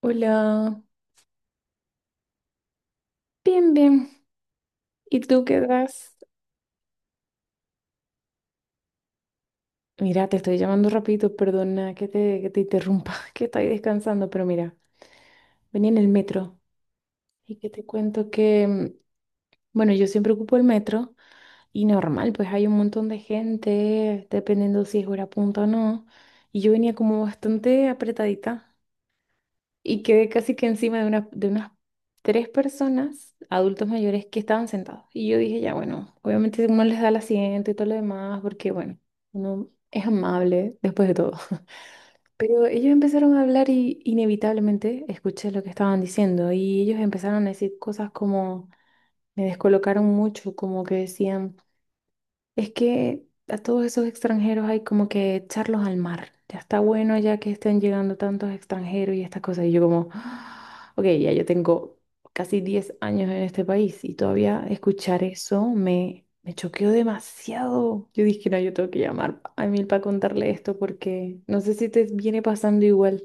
Hola, bien, bien. ¿Y tú qué das? Mira, te estoy llamando rapidito, perdona que te interrumpa, que estoy descansando, pero mira, venía en el metro y que te cuento que, bueno, yo siempre ocupo el metro y normal, pues hay un montón de gente, dependiendo si es hora punta o no, y yo venía como bastante apretadita y quedé casi que encima de unas tres personas, adultos mayores, que estaban sentados. Y yo dije, ya, bueno, obviamente uno les da el asiento y todo lo demás, porque bueno, uno es amable después de todo. Pero ellos empezaron a hablar y inevitablemente escuché lo que estaban diciendo y ellos empezaron a decir cosas como, me descolocaron mucho, como que decían... Es que a todos esos extranjeros hay como que echarlos al mar. Ya está bueno ya que estén llegando tantos extranjeros y estas cosas. Y yo como, "Ah, ok, ya yo tengo casi 10 años en este país y todavía escuchar eso me choqueó demasiado. Yo dije, no, yo tengo que llamar a Emil para contarle esto porque no sé si te viene pasando igual.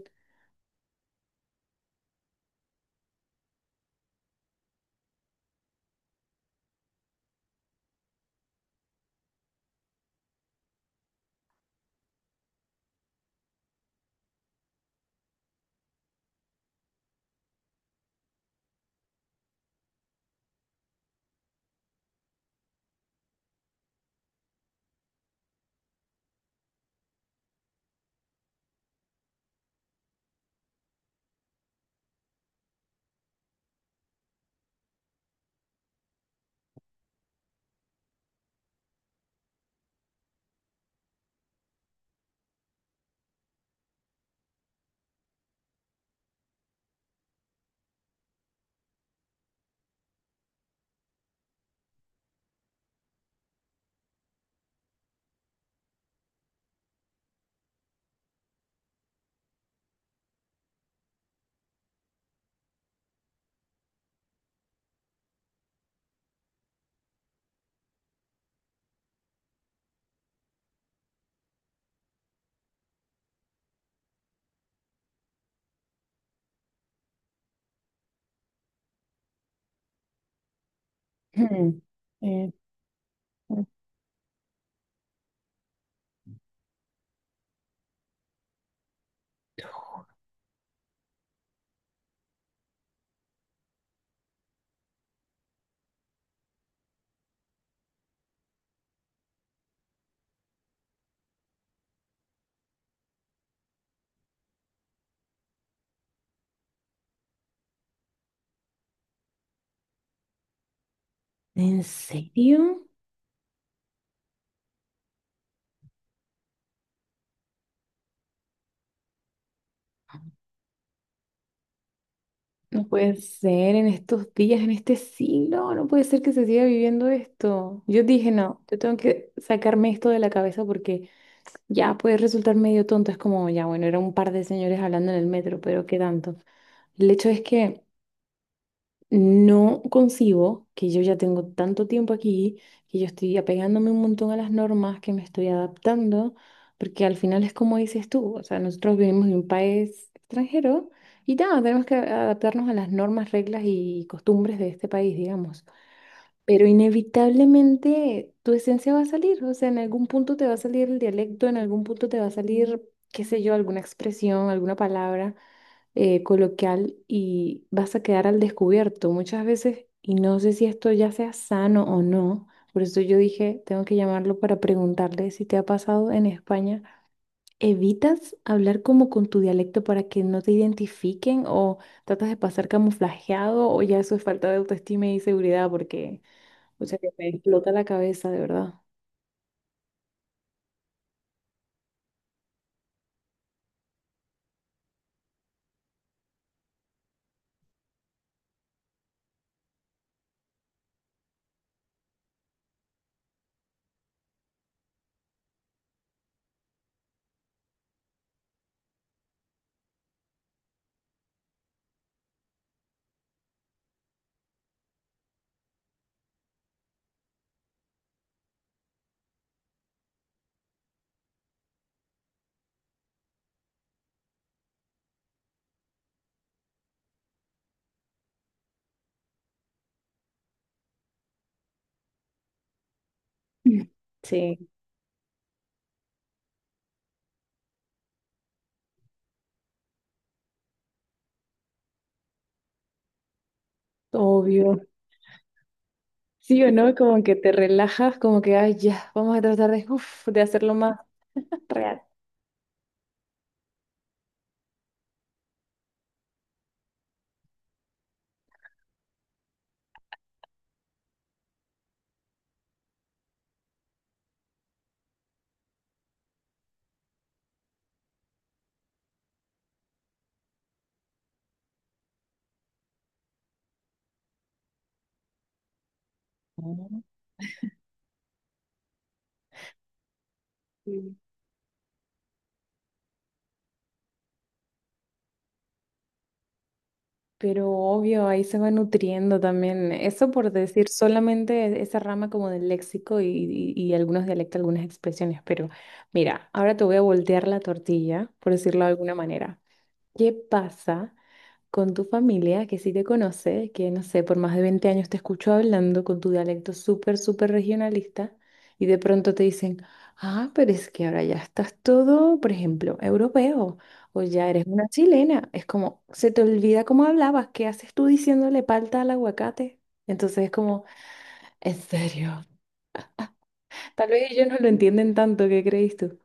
Hmm. Eh, eh, ¿En serio? No puede ser en estos días, en este siglo, no puede ser que se siga viviendo esto. Yo dije, no, yo tengo que sacarme esto de la cabeza porque ya puede resultar medio tonto. Es como, ya, bueno, era un par de señores hablando en el metro, pero qué tanto. El hecho es que no concibo que yo ya tengo tanto tiempo aquí, que yo estoy apegándome un montón a las normas, que me estoy adaptando, porque al final es como dices tú, o sea, nosotros vivimos en un país extranjero y ya, tenemos que adaptarnos a las normas, reglas y costumbres de este país, digamos. Pero inevitablemente tu esencia va a salir, o sea, en algún punto te va a salir el dialecto, en algún punto te va a salir, qué sé yo, alguna expresión, alguna palabra coloquial y vas a quedar al descubierto muchas veces y no sé si esto ya sea sano o no. Por eso yo dije, tengo que llamarlo para preguntarle si te ha pasado en España. ¿Evitas hablar como con tu dialecto para que no te identifiquen o tratas de pasar camuflajeado o ya eso es falta de autoestima y seguridad porque, o sea, que me explota la cabeza, de verdad. Sí, obvio. Sí o no, como que te relajas, como que, ay, ya, vamos a tratar de, uf, de hacerlo más real. Mm, sí. Pero obvio, ahí se va nutriendo también. Eso por decir solamente esa rama como del léxico y algunos dialectos, algunas expresiones. Pero mira, ahora te voy a voltear la tortilla, por decirlo de alguna manera. ¿Qué pasa con tu familia, que sí te conoce, que no sé, por más de 20 años te escucho hablando con tu dialecto súper, súper regionalista, y de pronto te dicen, ah, pero es que ahora ya estás todo, por ejemplo, europeo, o ya eres una chilena? Es como, se te olvida cómo hablabas, ¿qué haces tú diciéndole palta al aguacate? Entonces es como, en serio. Tal vez ellos no lo entienden tanto, ¿qué crees tú?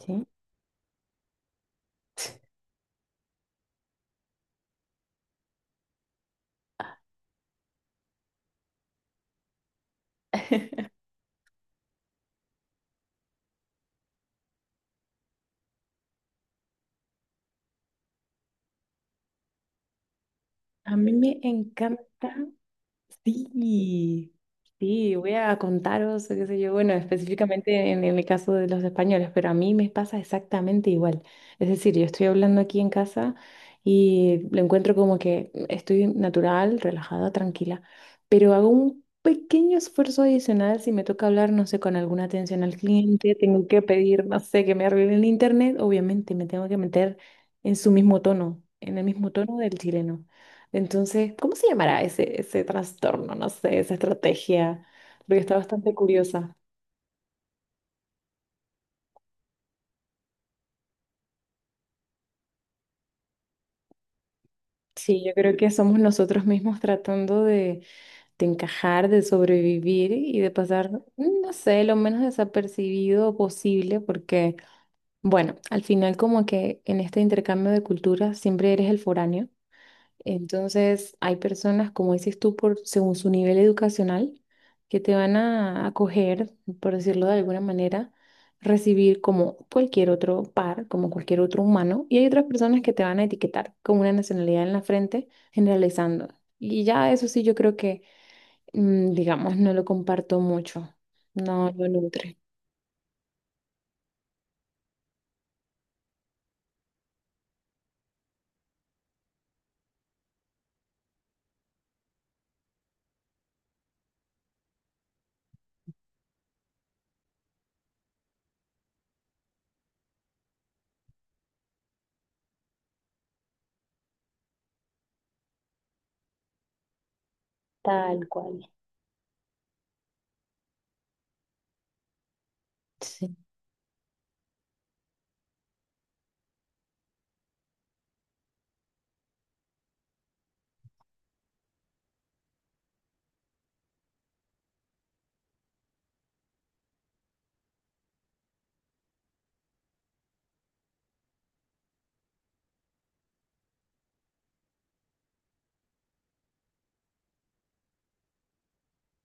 Sí. A mí me encanta. Sí, sí, voy a contaros, qué sé yo, bueno, específicamente en el caso de los españoles, pero a mí me pasa exactamente igual. Es decir, yo estoy hablando aquí en casa y lo encuentro como que estoy natural, relajada, tranquila, pero hago un pequeño esfuerzo adicional si me toca hablar, no sé, con alguna atención al cliente, tengo que pedir, no sé, que me arreglen el internet, obviamente me tengo que meter en su mismo tono, en el mismo tono del chileno. Entonces, ¿cómo se llamará ese, ese trastorno? No sé, esa estrategia, porque está bastante curiosa. Sí, yo creo que somos nosotros mismos tratando de encajar, de sobrevivir y de pasar, no sé, lo menos desapercibido posible, porque, bueno, al final como que en este intercambio de culturas siempre eres el foráneo. Entonces, hay personas, como dices tú, por, según su nivel educacional, que te van a acoger, por decirlo de alguna manera, recibir como cualquier otro par, como cualquier otro humano, y hay otras personas que te van a etiquetar con una nacionalidad en la frente, generalizando. Y ya eso sí, yo creo que, digamos, no lo comparto mucho, no lo nutre. Tal cual. Sí.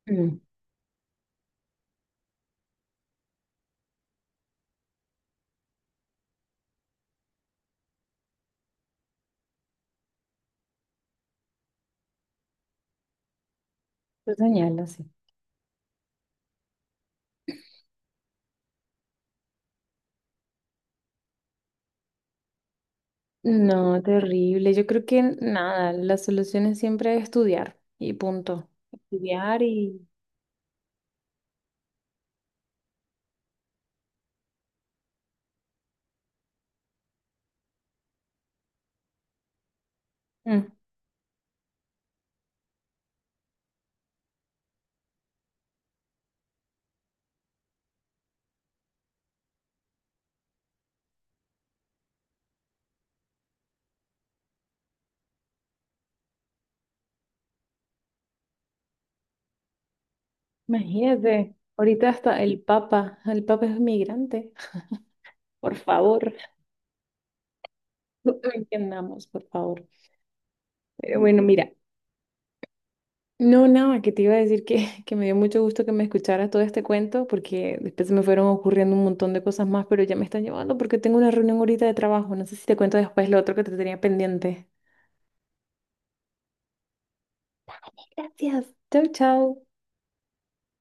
Mm. Lo señalo, sí. No, terrible. Yo creo que nada, la solución es siempre estudiar y punto. Estudiar y... Mm. Imagínate, ahorita hasta el Papa es migrante. Por favor, no entendamos, por favor. Pero bueno, mira, no, nada, que te iba a decir que, que me dio mucho gusto que me escucharas todo este cuento porque después se me fueron ocurriendo un montón de cosas más, pero ya me están llevando porque tengo una reunión ahorita de trabajo. No sé si te cuento después lo otro que te tenía pendiente. Gracias. Chau, chau.